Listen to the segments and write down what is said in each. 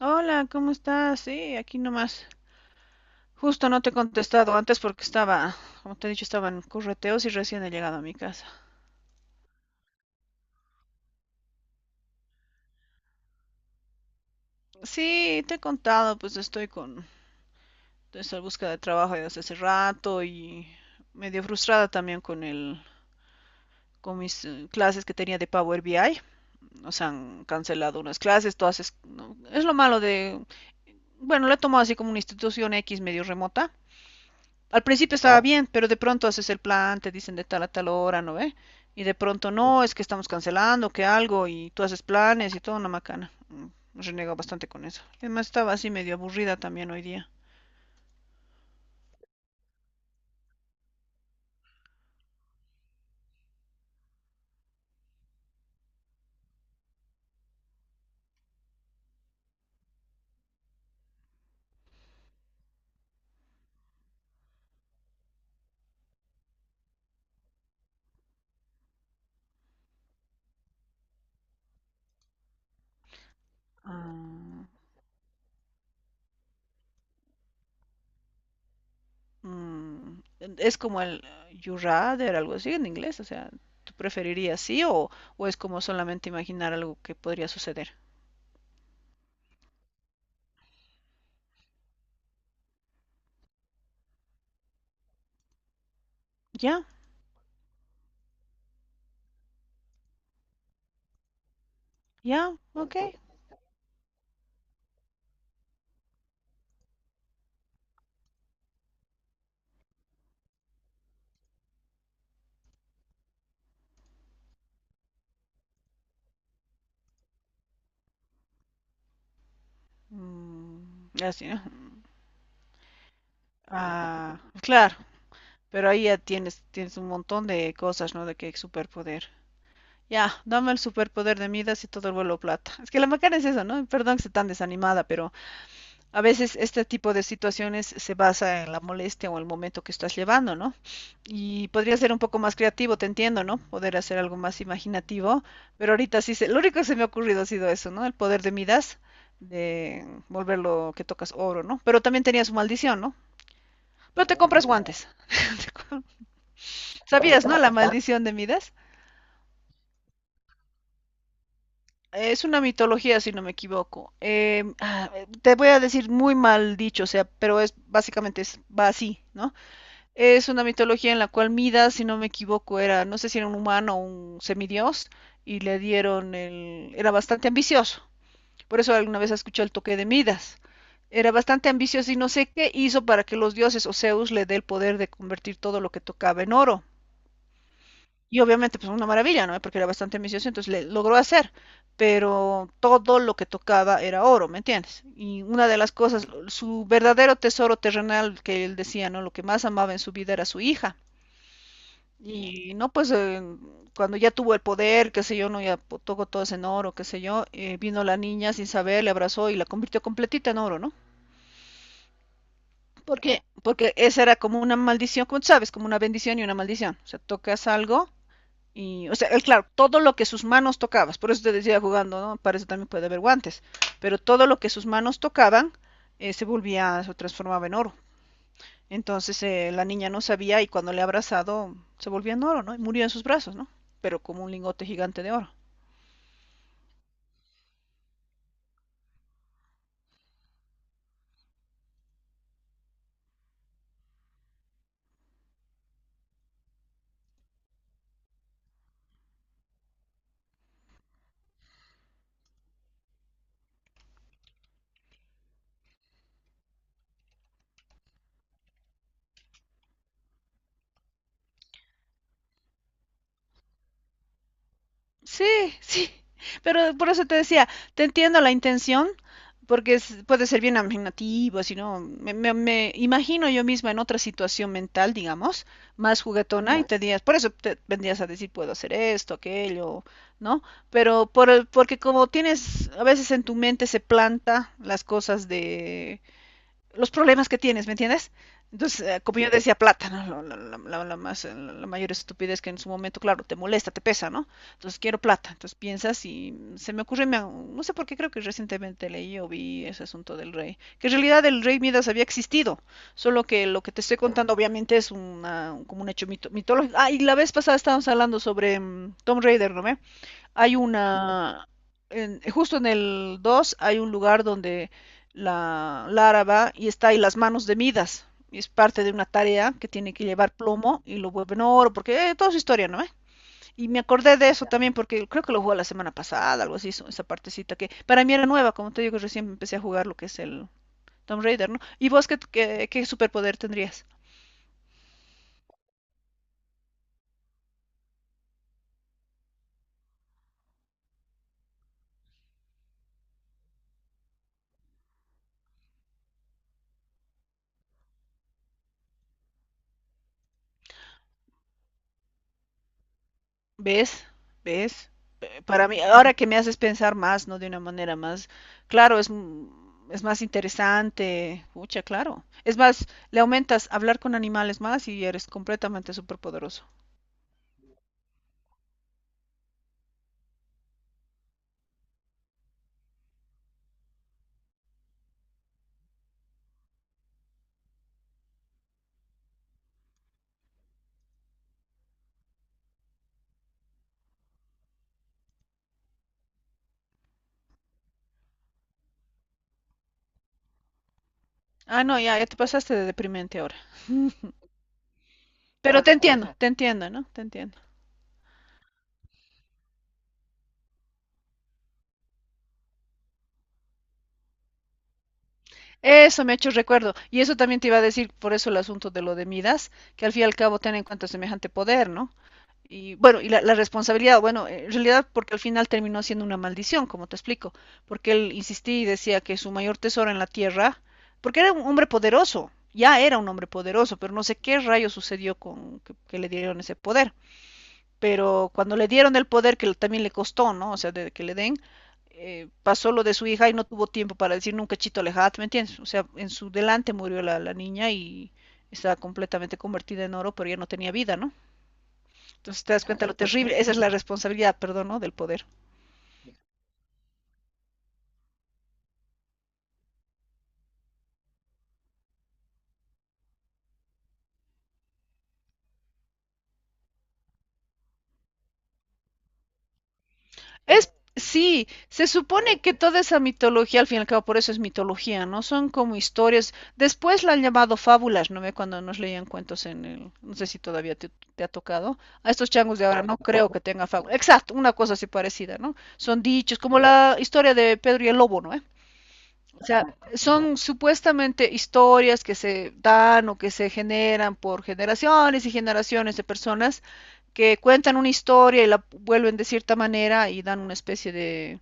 Hola, ¿cómo estás? Sí, aquí nomás. Justo no te he contestado antes porque estaba, como te he dicho, estaba en correteos y recién he llegado a mi casa. Sí, te he contado, pues estoy con esa búsqueda de trabajo desde hace rato y medio frustrada también con el, con mis clases que tenía de Power BI. Nos han cancelado unas clases, todas es, no, es lo malo de, bueno, lo he tomado así como una institución X medio remota. Al principio estaba bien, pero de pronto haces el plan, te dicen de tal a tal hora, ¿no ve? Y de pronto no, es que estamos cancelando, que algo, y tú haces planes y todo, una macana. Renego bastante con eso. Además estaba así medio aburrida también hoy día. Ah, mm, es como el you rather, algo así en inglés, o sea, ¿tú preferirías sí o es como solamente imaginar algo que podría suceder? Ya, ya, ok. Mm, así, ¿no? Ah, claro, pero ahí ya tienes, tienes un montón de cosas, ¿no? De que hay superpoder. Ya, dame el superpoder de Midas y todo el vuelo plata. Es que la macana es eso, ¿no? Perdón que esté tan desanimada, pero a veces este tipo de situaciones se basa en la molestia o el momento que estás llevando, ¿no? Y podría ser un poco más creativo, te entiendo, ¿no? Poder hacer algo más imaginativo, pero ahorita sí, se, lo único que se me ha ocurrido ha sido eso, ¿no? El poder de Midas, de volver lo que tocas oro, ¿no? Pero también tenía su maldición, ¿no? Pero te compras guantes. Te compras. ¿Sabías, no? La maldición de Midas. Es una mitología, si no me equivoco. Te voy a decir muy mal dicho, o sea, pero es básicamente es, va así, ¿no? Es una mitología en la cual Midas, si no me equivoco, era, no sé si era un humano o un semidios, y le dieron el... era bastante ambicioso. Por eso alguna vez escuchado el toque de Midas. Era bastante ambicioso y no sé qué hizo para que los dioses o Zeus le dé el poder de convertir todo lo que tocaba en oro. Y obviamente, pues una maravilla, ¿no? Porque era bastante ambicioso, entonces le logró hacer, pero todo lo que tocaba era oro, ¿me entiendes? Y una de las cosas, su verdadero tesoro terrenal que él decía, ¿no? Lo que más amaba en su vida era su hija. Y no, pues cuando ya tuvo el poder, qué sé yo, no, ya tocó todo en oro, qué sé yo, vino la niña sin saber, le abrazó y la convirtió completita en oro, ¿no? Porque, porque esa era como una maldición, como tú sabes, como una bendición y una maldición. O sea, tocas algo. Y, o sea, él, claro, todo lo que sus manos tocaban, por eso te decía jugando, ¿no? Para eso también puede haber guantes, pero todo lo que sus manos tocaban se volvía, se transformaba en oro. Entonces la niña no sabía y cuando le ha abrazado se volvía en oro, ¿no? Y murió en sus brazos, ¿no? Pero como un lingote gigante de oro. Sí, sí, pero por eso te decía, te entiendo la intención, porque puede ser bien imaginativa, si no, me imagino yo misma en otra situación mental, digamos, más juguetona, y te dirías, por eso te vendrías a decir, puedo hacer esto, aquello, ¿no? Pero por, porque como tienes, a veces en tu mente se planta las cosas de los problemas que tienes, ¿me entiendes? Entonces, como yo decía, plata, ¿no? La más, la mayor estupidez que en su momento, claro, te molesta, te pesa, ¿no? Entonces, quiero plata. Entonces, piensas y se me ocurre, me, no sé por qué, creo que recientemente leí o vi ese asunto del rey. Que en realidad el rey Midas había existido, solo que lo que te estoy contando obviamente es una, como un hecho mito, mitológico. Ah, y la vez pasada estábamos hablando sobre Tom Raider, ¿no? ¿Ve? Hay una, justo en el 2 hay un lugar donde la Lara va y está ahí las manos de Midas. Y es parte de una tarea que tiene que llevar plomo y lo vuelven oro, porque toda su historia, ¿no? ¿Eh? Y me acordé de eso también porque creo que lo jugué la semana pasada, algo así, esa partecita que para mí era nueva, como te digo, recién empecé a jugar lo que es el Tomb Raider, ¿no? ¿Y vos qué superpoder tendrías? ¿Ves? ¿Ves? Para mí, ahora que me haces pensar más, ¿no? De una manera más, claro, es, es más interesante, pucha, claro. Es más, le aumentas hablar con animales más y eres completamente superpoderoso. Ah, no, ya, ya te pasaste de deprimente ahora. Pero te entiendo, ¿no? Te entiendo. Eso me ha hecho recuerdo. Y eso también te iba a decir, por eso el asunto de lo de Midas, que al fin y al cabo ten en cuenta semejante poder, ¿no? Y bueno, y la responsabilidad, bueno, en realidad porque al final terminó siendo una maldición, como te explico, porque él insistía y decía que su mayor tesoro en la tierra, porque era un hombre poderoso, ya era un hombre poderoso, pero no sé qué rayo sucedió con que le dieron ese poder. Pero cuando le dieron el poder, que también le costó, ¿no? O sea, de que le den, pasó lo de su hija y no tuvo tiempo para decir nunca chito alejat, ¿me entiendes? O sea, en su delante murió la niña y estaba completamente convertida en oro, pero ya no tenía vida, ¿no? Entonces te das cuenta lo terrible, esa es la responsabilidad, perdón, ¿no? Del poder. Es, sí, se supone que toda esa mitología, al fin y al cabo, por eso es mitología, ¿no? Son como historias, después la han llamado fábulas, ¿no? Ve, cuando nos leían cuentos en el, no sé si todavía te, te ha tocado, a estos changos de ahora no creo que tengan fábulas, exacto, una cosa así parecida, ¿no? Son dichos, como la historia de Pedro y el Lobo, ¿no? ¿Eh? O sea, son supuestamente historias que se dan o que se generan por generaciones y generaciones de personas que cuentan una historia y la vuelven de cierta manera y dan una especie de...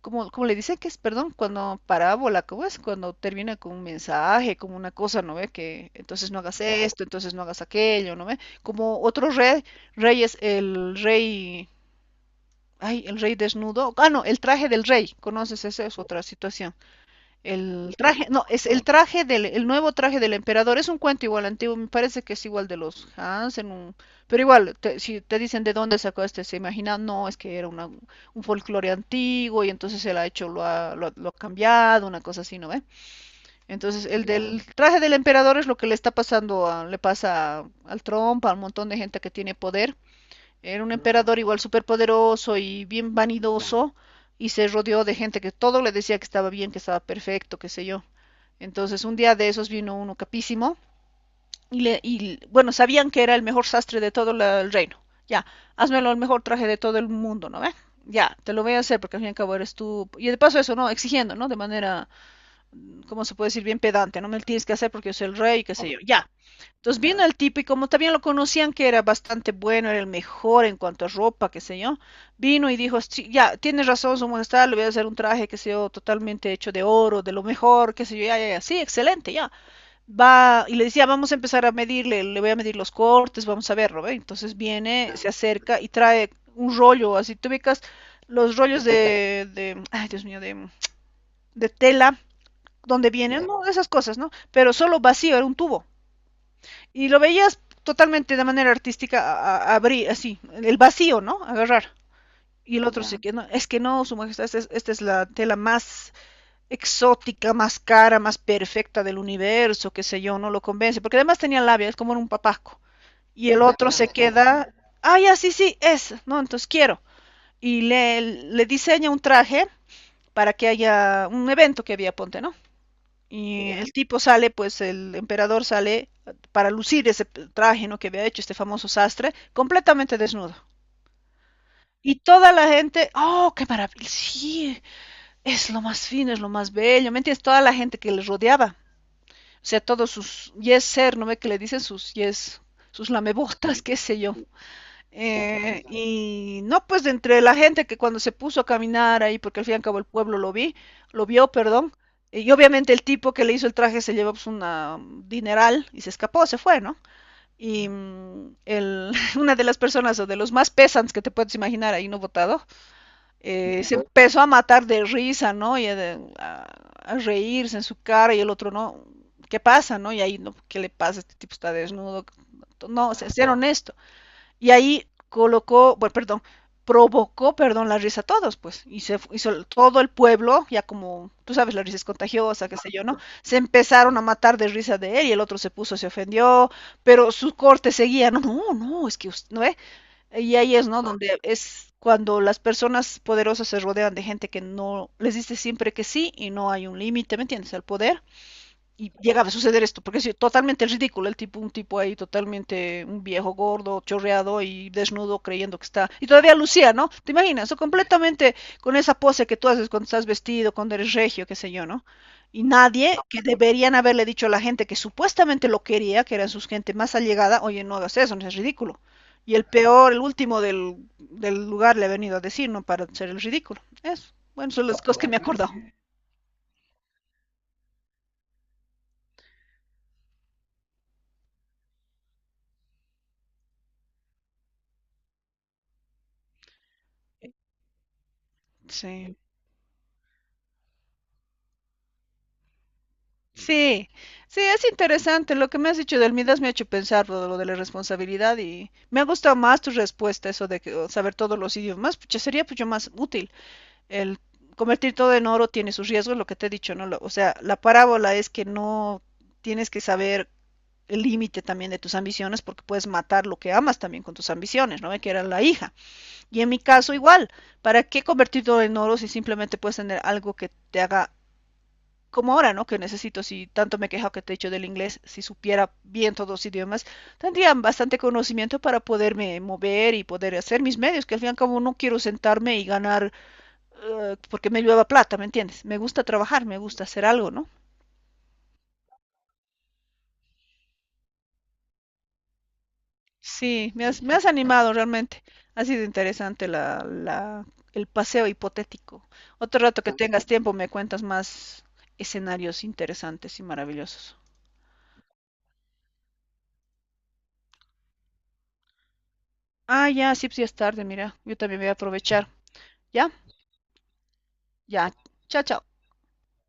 Cómo le dicen que es? Perdón, cuando parábola, ¿cómo es? Cuando termina con un mensaje, como una cosa, ¿no ve? Que entonces no hagas esto, entonces no hagas aquello, ¿no ve? Como otro rey, rey es el rey... Ay, el rey desnudo. Ah, no, el traje del rey. ¿Conoces? Esa es otra situación. El traje, no, es el traje del el nuevo traje del emperador. Es un cuento igual antiguo, me parece que es igual de los Hansen. Pero igual, si te dicen de dónde sacó este, se imagina, no, es que era un folclore antiguo y entonces él ha hecho, lo ha, lo, lo ha cambiado, una cosa así, ¿no ve? Entonces, el del traje del emperador es lo que le está pasando, le pasa al Trump, al montón de gente que tiene poder. Era un emperador igual súper poderoso y bien vanidoso y se rodeó de gente que todo le decía que estaba bien, que estaba perfecto, qué sé yo. Entonces un día de esos vino uno capísimo y, le, y bueno, sabían que era el mejor sastre de todo la, el reino. Ya, házmelo el mejor traje de todo el mundo, ¿no ve? Ya, te lo voy a hacer porque al fin y al cabo eres tú. Y de paso eso, ¿no? Exigiendo, ¿no? De manera, ¿cómo se puede decir? Bien pedante, ¿no? Me lo tienes que hacer porque yo soy el rey, qué sé yo. Ya. Entonces vino el tipo y como también lo conocían que era bastante bueno, era el mejor en cuanto a ropa, qué sé yo, vino y dijo, "Sí, ya, tienes razón, su majestad, le voy a hacer un traje, qué sé yo, totalmente hecho de oro, de lo mejor, qué sé yo, ya, ya, ya, sí, excelente, ya va y le decía, vamos a empezar a medirle, le voy a medir los cortes, vamos a verlo, ¿ve? Entonces viene, se acerca y trae un rollo, así te ubicas los rollos de ay Dios mío, de tela, donde vienen, ¿no? esas cosas, ¿no? Pero solo vacío, era un tubo. Y lo veías totalmente de manera artística abrir así, el vacío, ¿no? Agarrar. Y el otro, se que no, es que no, su majestad, esta es la tela más exótica, más cara, más perfecta del universo, qué sé yo. No lo convence, porque además tenía labia, es como un papaco. Y el otro se queda, ah, ya, sí, sí, es, no, entonces quiero. Y le diseña un traje para que haya un evento que había, ponte, ¿no? Y el tipo sale, pues el emperador sale para lucir ese traje, ¿no? Que había hecho este famoso sastre, completamente desnudo. Y toda la gente, oh, qué maravilla, sí, es lo más fino, es lo más bello, ¿me entiendes? Toda la gente que les rodeaba. O sea, todos sus yes ser, ¿no ve que le dicen sus yes, sus lamebotas, qué sé yo? Y no, pues entre la gente, que cuando se puso a caminar ahí, porque al fin y al cabo el pueblo lo vio, perdón, y obviamente el tipo que le hizo el traje se llevó, pues, una dineral y se escapó, se fue, ¿no? Y el, una de las personas o de los más pesantes que te puedes imaginar ahí no votado, se empezó a matar de risa, ¿no? Y a reírse en su cara, y el otro no. ¿Qué pasa, no? Y ahí, no, ¿qué le pasa? Este tipo está desnudo. No, se ser honesto. Y ahí provocó, perdón, la risa a todos, pues. Y se fu- hizo el- todo el pueblo, ya como, tú sabes, la risa es contagiosa, qué sé yo, ¿no? Se empezaron a matar de risa de él, y el otro se puso, se ofendió, pero su corte seguía. No, no, no, es que usted, ¿no ve? Y ahí es, ¿no?, donde es cuando las personas poderosas se rodean de gente que no les dice siempre que sí y no hay un límite, ¿me entiendes? Al poder. Y llegaba a suceder esto, porque es totalmente ridículo el tipo, un tipo ahí totalmente, un viejo gordo, chorreado y desnudo, creyendo que está, y todavía lucía, ¿no? ¿Te imaginas? O completamente con esa pose que tú haces cuando estás vestido, cuando eres regio, qué sé yo, ¿no? Y nadie, que deberían haberle dicho a la gente que supuestamente lo quería, que eran sus gente más allegada, oye, no hagas eso, no es ridículo. Y el peor, el último del lugar, le ha venido a decir, ¿no?, para ser el ridículo. Eso. Bueno, son las cosas que me he acordado. Sí. Sí, sí, es interesante. Lo que me has dicho del Midas me ha hecho pensar lo de la responsabilidad, y me ha gustado más tu respuesta, eso de que, o, saber todos los idiomas, pucha, sería pucha más útil. El convertir todo en oro tiene sus riesgos, lo que te he dicho, ¿no? Lo- o sea, la parábola es que no tienes que saber el límite también de tus ambiciones, porque puedes matar lo que amas también con tus ambiciones, ¿no? Que era la hija. Y en mi caso igual, ¿para qué convertir todo en oro si simplemente puedes tener algo que te haga como ahora, ¿no? Que necesito, si tanto me quejo, que te he dicho del inglés, si supiera bien todos los idiomas, tendría bastante conocimiento para poderme mover y poder hacer mis medios, que al fin y al cabo no quiero sentarme y ganar porque me llueva plata, ¿me entiendes? Me gusta trabajar, me gusta hacer algo, ¿no? Sí, me has animado realmente. Ha sido interesante el paseo hipotético. Otro rato que tengas tiempo me cuentas más escenarios interesantes y maravillosos. Ah, ya, sí, pues ya es tarde, mira, yo también voy a aprovechar. ¿Ya? Ya, chao, chao.